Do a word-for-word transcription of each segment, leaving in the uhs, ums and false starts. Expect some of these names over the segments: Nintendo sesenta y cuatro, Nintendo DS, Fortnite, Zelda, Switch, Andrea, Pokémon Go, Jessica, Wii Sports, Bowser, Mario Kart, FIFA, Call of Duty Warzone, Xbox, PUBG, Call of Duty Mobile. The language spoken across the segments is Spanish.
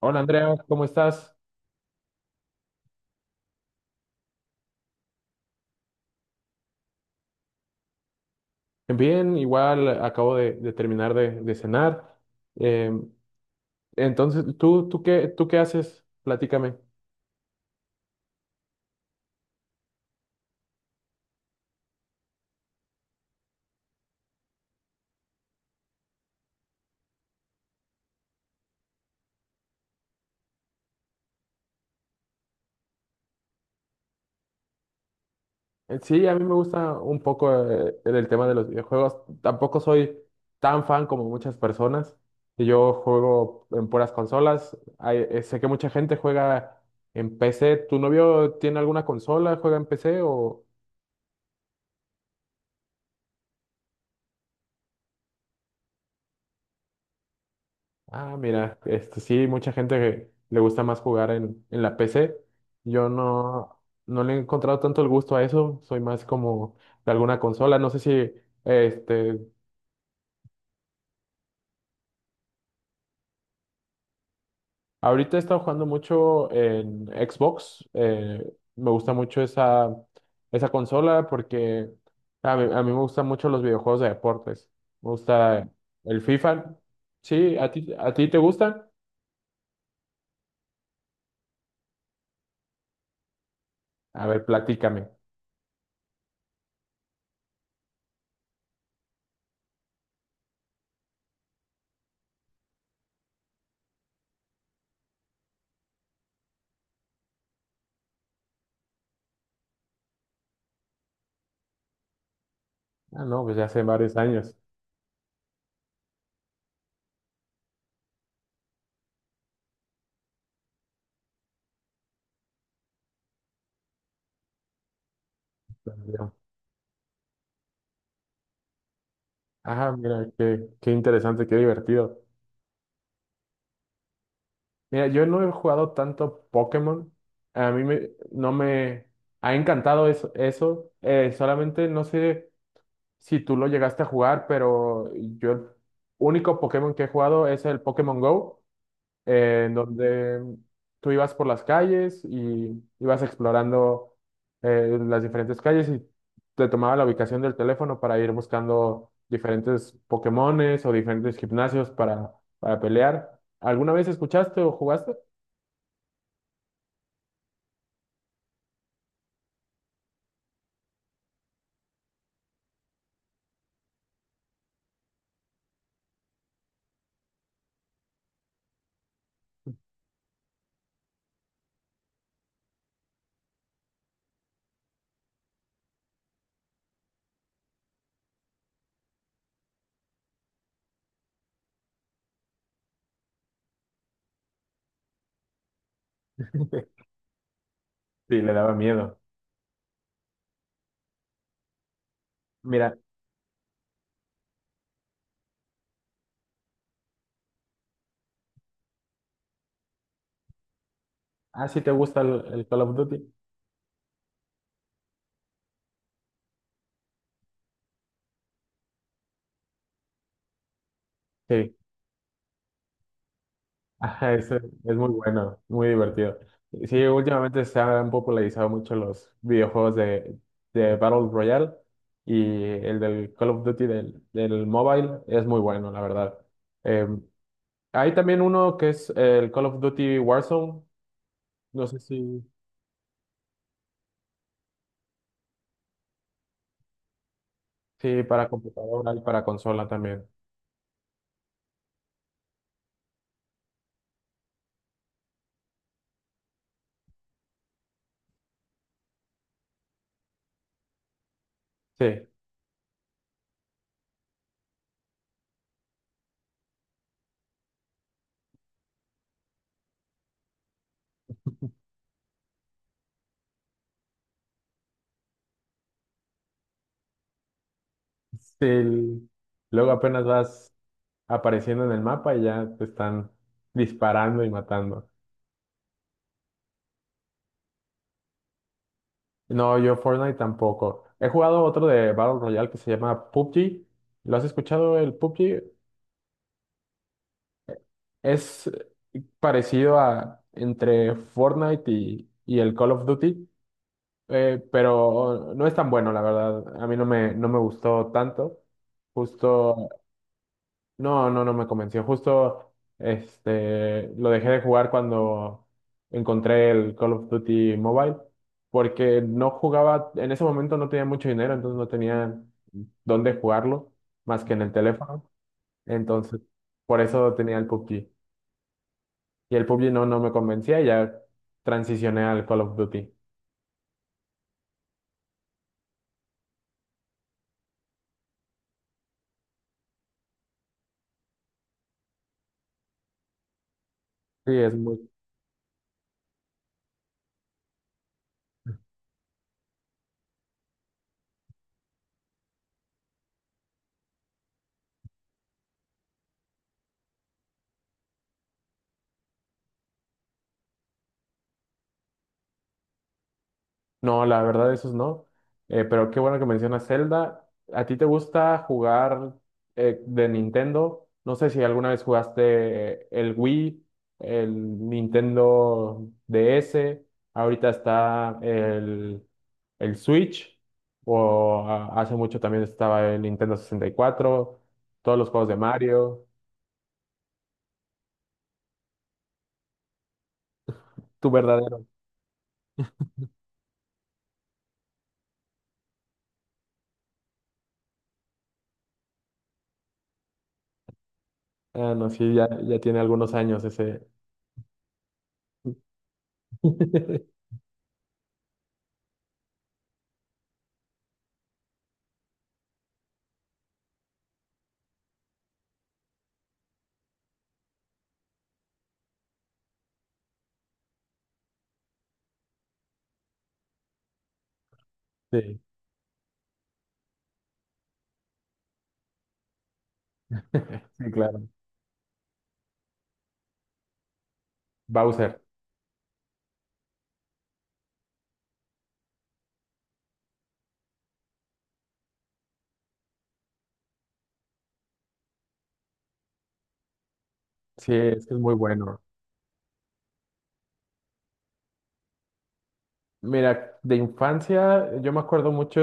Hola Andrea, ¿cómo estás? Bien, igual acabo de, de terminar de, de cenar. Eh, entonces, ¿tú, tú qué, tú qué haces? Platícame. Eh, Sí, a mí me gusta un poco eh, el tema de los videojuegos. Tampoco soy tan fan como muchas personas. Yo juego en puras consolas. Hay- eh, sé que mucha gente juega en P C. ¿Tu novio tiene alguna consola? ¿Juega en P C o...? Ah, mira, este sí, mucha gente que le gusta más jugar en, en la P C. Yo no, no le he encontrado tanto el gusto a eso. Soy más como de alguna consola. No sé si este ahorita he estado jugando mucho en Xbox. Eh, me gusta mucho esa, esa consola porque a mí, a mí me gustan mucho los videojuegos de deportes. Me gusta el FIFA. Sí, ¿a ti, a ti te gusta? A ver, platícame. Ah, no, pues ya hace varios años. Ah, mira, qué, qué interesante, qué divertido. Mira, yo no he jugado tanto Pokémon. A mí me, no me ha encantado eso, eso. Eh, solamente no sé si tú lo llegaste a jugar, pero yo el único Pokémon que he jugado es el Pokémon Go. Eh, en donde tú ibas por las calles y ibas explorando eh, las diferentes calles y te tomaba la ubicación del teléfono para ir buscando diferentes Pokémones o diferentes gimnasios para, para pelear. ¿Alguna vez escuchaste o jugaste? Sí, le daba miedo. Mira, ah, sí te gusta el, el Call of Duty. Sí. Ajá, eso es muy bueno, muy divertido. Sí, últimamente se han popularizado mucho los videojuegos de, de Battle Royale y el del Call of Duty del, del mobile es muy bueno, la verdad. Eh, Hay también uno que es el Call of Duty Warzone, no sé si, si para computadora y para consola también. Sí, sí, el- luego apenas vas apareciendo en el mapa y ya te están disparando y matando. No, yo Fortnite tampoco. He jugado otro de Battle Royale que se llama P U B G. ¿Lo has escuchado el P U B G? Es parecido a entre Fortnite y, y el Call of Duty, eh, pero no es tan bueno, la verdad. A mí no me, no me gustó tanto. Justo no, no, no me convenció. Justo este, lo dejé de jugar cuando encontré el Call of Duty Mobile, porque no jugaba, en ese momento no tenía mucho dinero, entonces no tenía dónde jugarlo más que en el teléfono. Entonces, por eso tenía el P U B G. Y el P U B G no, no me convencía y ya transicioné al Call of Duty. Sí, es muy no, la verdad, esos no. Eh, pero qué bueno que mencionas Zelda. ¿A ti te gusta jugar eh, de Nintendo? No sé si alguna vez jugaste eh, el Wii, el Nintendo D S, ahorita está el, el Switch, o a- hace mucho también estaba el Nintendo sesenta y cuatro todos los juegos de Mario. Tu verdadero. Ah, no, sí, ya, ya tiene algunos años ese. Sí, sí, claro. Bowser. Sí, es que es muy bueno. Mira, de infancia yo me acuerdo mucho,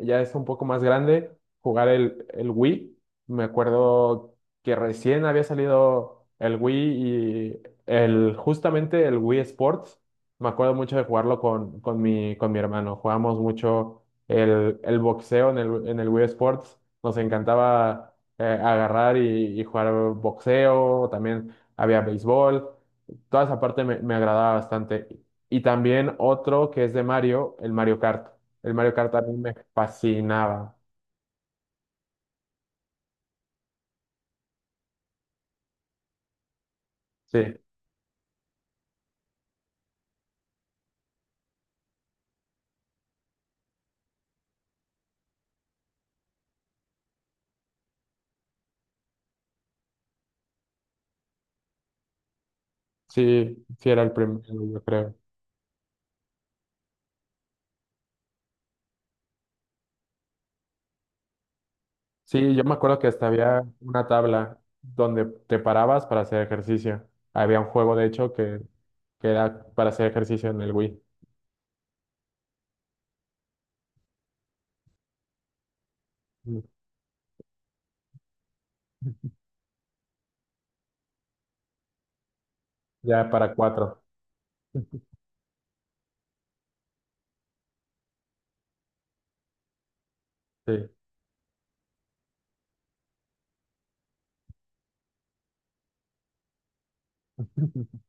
ya es un poco más grande, jugar el, el Wii. Me acuerdo que recién había salido el Wii y el, justamente el Wii Sports. Me acuerdo mucho de jugarlo con, con mi, con mi hermano. Jugamos mucho el, el boxeo en el, en el Wii Sports. Nos encantaba eh, agarrar y, y jugar boxeo. También había béisbol. Toda esa parte me, me agradaba bastante. Y también otro que es de Mario, el Mario Kart. El Mario Kart a mí me fascinaba. Sí, sí, sí era el primero, yo creo. Sí, yo me acuerdo que hasta había una tabla donde te parabas para hacer ejercicio. Había un juego, de hecho, que, que era para hacer ejercicio en el Wii. Mm, ya para cuatro, sí.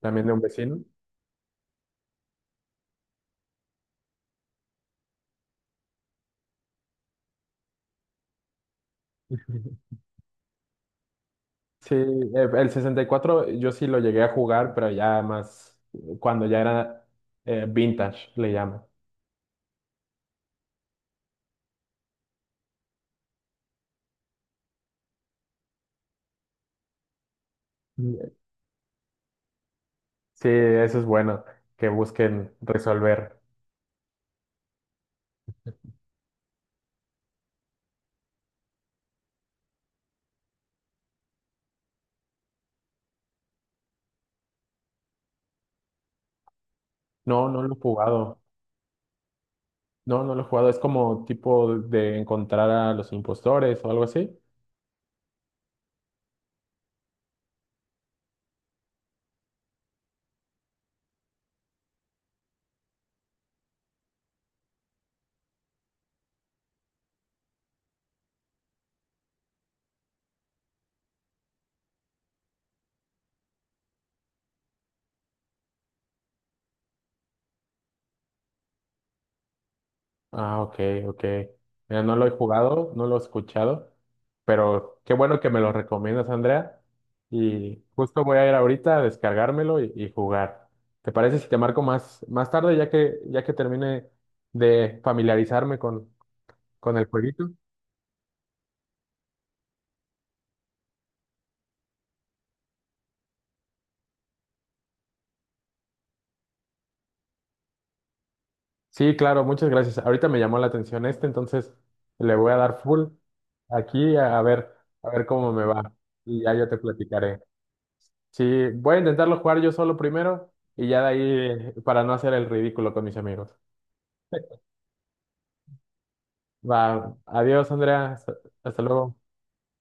También de un vecino. Sí, eh, el sesenta y cuatro yo sí lo llegué a jugar, pero ya más eh, cuando ya era eh, vintage, le llaman. Sí, eso es bueno, que busquen resolver. No, no lo he jugado. No, no lo he jugado. Es como tipo de encontrar a los impostores o algo así. Ah, ok, ok. Mira, no lo he jugado, no lo he escuchado, pero qué bueno que me lo recomiendas, Andrea. Y justo voy a ir ahorita a descargármelo y, y jugar. ¿Te parece si te marco más, más tarde, ya que, ya que termine de familiarizarme con, con el jueguito? Sí, claro, muchas gracias. Ahorita me llamó la atención este, entonces le voy a dar full aquí a, a ver, a ver cómo me va. Y ya yo te platicaré. Sí, voy a intentarlo jugar yo solo primero y ya de ahí eh, para no hacer el ridículo con mis amigos. Va, adiós, Andrea. hasta hasta luego.